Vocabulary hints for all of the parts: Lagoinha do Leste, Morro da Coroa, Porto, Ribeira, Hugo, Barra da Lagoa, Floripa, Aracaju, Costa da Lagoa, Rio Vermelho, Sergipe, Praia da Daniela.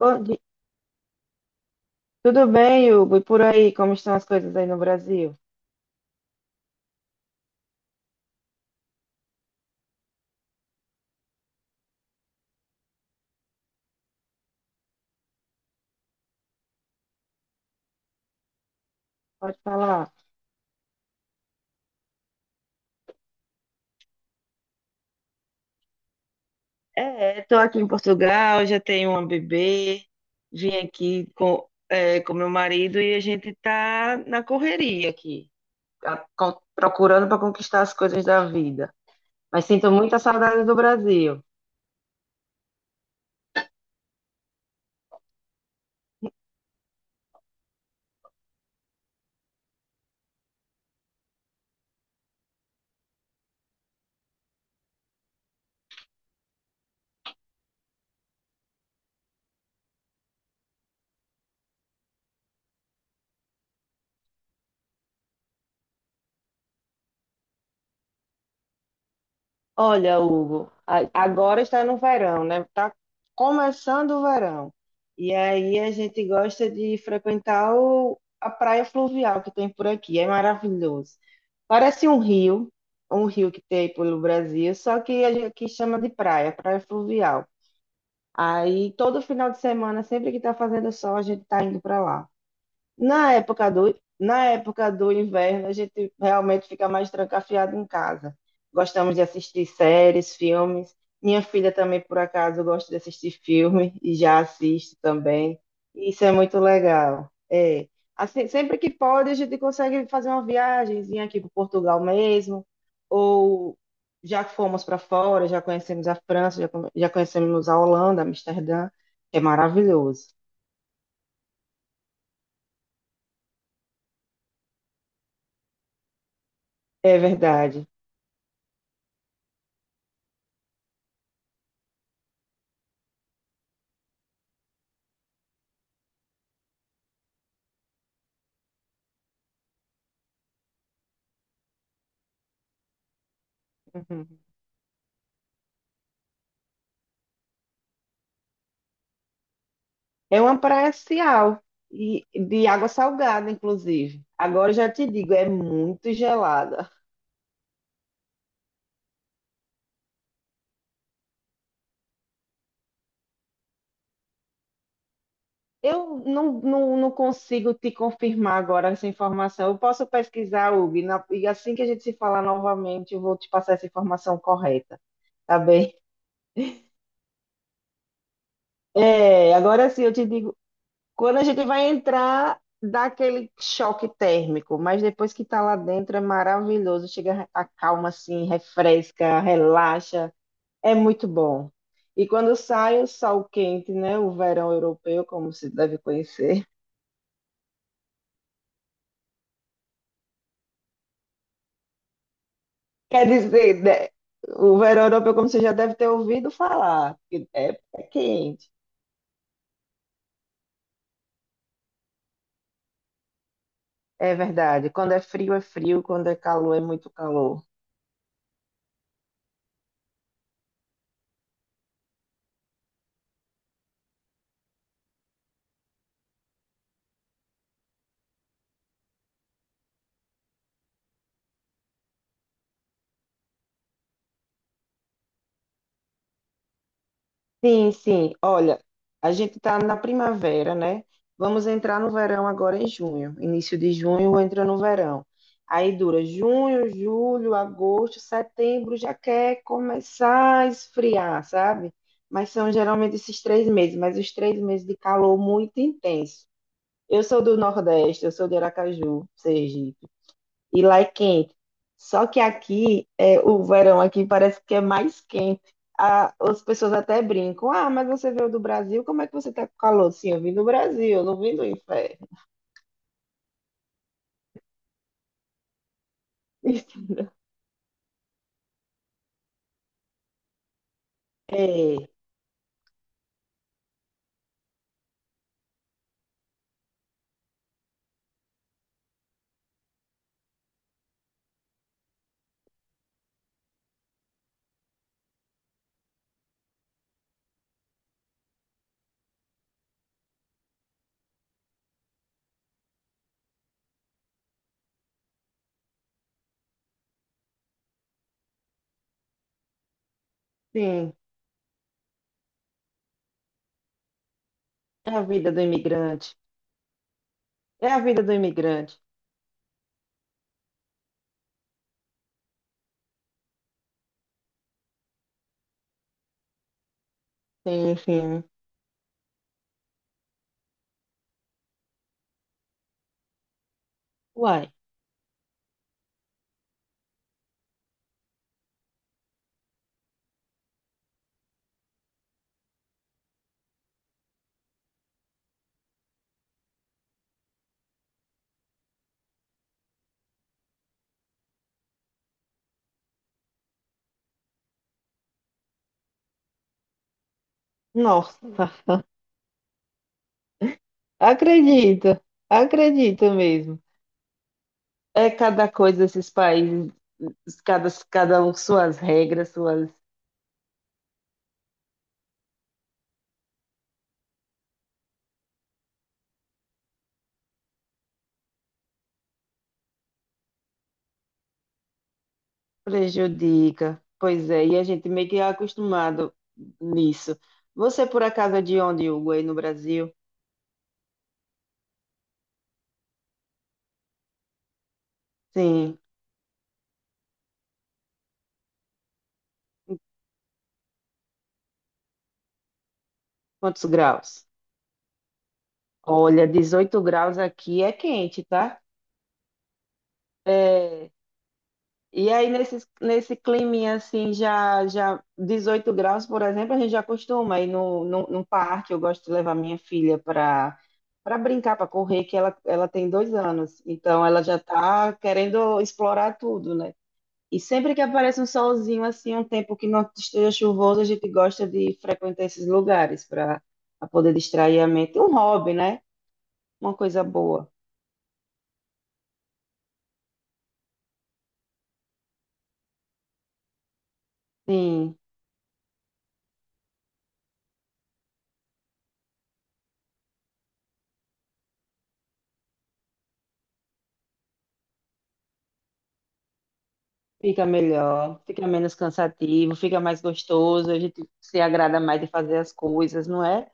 Bom di- Tudo bem, Hugo? E por aí, como estão as coisas aí no Brasil? Pode falar. É, estou aqui em Portugal, já tenho uma bebê, vim aqui com meu marido e a gente está na correria aqui, procurando para conquistar as coisas da vida. Mas sinto muita saudade do Brasil. Olha, Hugo, agora está no verão, né? Está começando o verão. E aí a gente gosta de frequentar a praia fluvial que tem por aqui. É maravilhoso. Parece um rio que tem pelo Brasil, só que a gente aqui chama de praia, praia fluvial. Aí todo final de semana, sempre que está fazendo sol, a gente está indo para lá. Na época do inverno, a gente realmente fica mais trancafiado em casa. Gostamos de assistir séries, filmes. Minha filha também, por acaso, gosta de assistir filme e já assiste também. Isso é muito legal. É. Assim, sempre que pode, a gente consegue fazer uma viagemzinha aqui para Portugal mesmo, ou já que fomos para fora, já conhecemos a França, já conhecemos a Holanda, Amsterdã, é maravilhoso. É verdade. Uhum. É uma praia social e de água salgada, inclusive. Agora eu já te digo, é muito gelada. Eu não consigo te confirmar agora essa informação. Eu posso pesquisar, Hugo, e assim que a gente se falar novamente, eu vou te passar essa informação correta, tá bem? É, agora sim, eu te digo, quando a gente vai entrar, dá aquele choque térmico, mas depois que tá lá dentro é maravilhoso, chega, a calma assim, refresca, relaxa. É muito bom. E quando sai o sol quente, né? O verão europeu, como se deve conhecer. Quer dizer, né, o verão europeu, como você já deve ter ouvido falar, que é, é quente. É verdade. Quando é frio, é frio. Quando é calor, é muito calor. Sim, sim. Olha, a gente está na primavera, né? Vamos entrar no verão agora em junho. Início de junho entra no verão. Aí dura junho, julho, agosto, setembro, já quer começar a esfriar, sabe? Mas são geralmente esses 3 meses, mas os 3 meses de calor muito intenso. Eu sou do Nordeste, eu sou de Aracaju, Sergipe e lá é quente. Só que aqui, é, o verão aqui parece que é mais quente. As pessoas até brincam: ah, mas você veio do Brasil, como é que você tá com calor? Sim, eu vim do Brasil, eu não vim do inferno. É, sim, é a vida do imigrante. É a vida do imigrante. Sim, sim. Uai, nossa, acredita, acredita mesmo. É cada coisa esses países, cada um suas regras, suas. Prejudica. Pois é, e a gente meio que é acostumado nisso. Você, por acaso, é de onde, Hugo, aí no Brasil? Sim. Quantos graus? Olha, 18 graus aqui é quente, tá? É. E aí, nesse climinha assim, já 18 graus, por exemplo, a gente já costuma ir no parque. Eu gosto de levar minha filha para brincar, para correr, que ela tem 2 anos. Então, ela já está querendo explorar tudo, né? E sempre que aparece um solzinho assim, um tempo que não esteja chuvoso, a gente gosta de frequentar esses lugares para poder distrair a mente. Um hobby, né? Uma coisa boa. Sim, fica melhor, fica menos cansativo, fica mais gostoso, a gente se agrada mais de fazer as coisas, não é?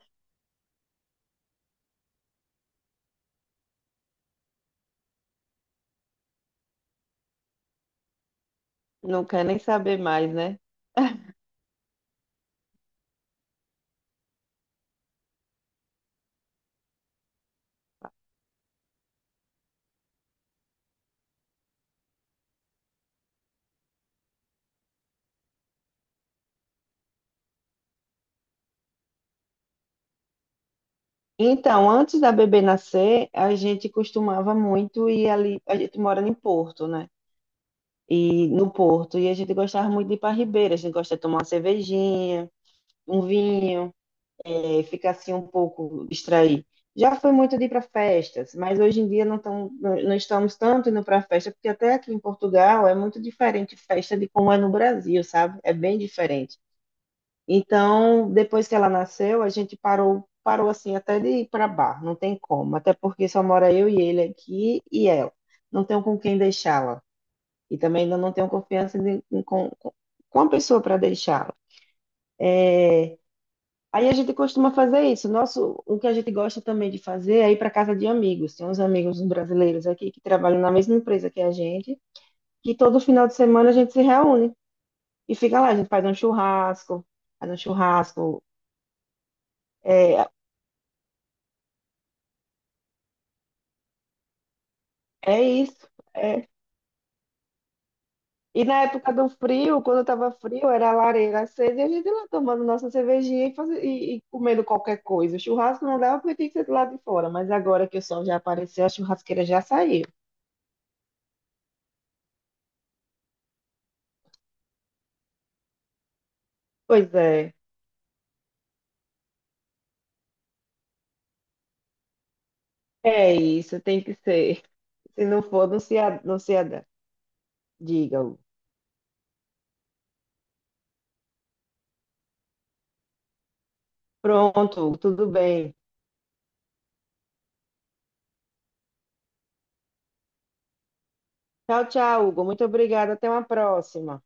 Não quer nem saber mais, né? Então, antes da bebê nascer, a gente costumava muito ir ali. A gente mora em Porto, né? E no Porto, e a gente gostava muito de ir para Ribeira, a gente gosta de tomar uma cervejinha um vinho, fica assim um pouco distraído. Já foi muito de ir para festas, mas hoje em dia não, não estamos tanto indo para festa, porque até aqui em Portugal é muito diferente festa de como é no Brasil, sabe? É bem diferente. Então, depois que ela nasceu, a gente parou, parou assim até de ir para bar, não tem como, até porque só mora eu e ele aqui e ela. Não tenho com quem deixá-la e também ainda não tenho confiança com a pessoa para deixá-la. Aí a gente costuma fazer isso. Nosso, o que a gente gosta também de fazer é ir para casa de amigos. Tem uns amigos brasileiros aqui que trabalham na mesma empresa que a gente, que todo final de semana a gente se reúne e fica lá. A gente faz um churrasco, faz um churrasco. É, é isso. É. E na época do frio, quando estava frio, era a lareira acesa e a gente lá tomando nossa cervejinha e comendo qualquer coisa. O churrasco não dava porque tinha que ser do lado de fora, mas agora que o sol já apareceu, a churrasqueira já saiu. Pois é. É isso, tem que ser. Se não for, não se adapta. Diga, Hugo. Pronto, Hugo, tudo bem. Tchau, tchau, Hugo. Muito obrigada. Até uma próxima.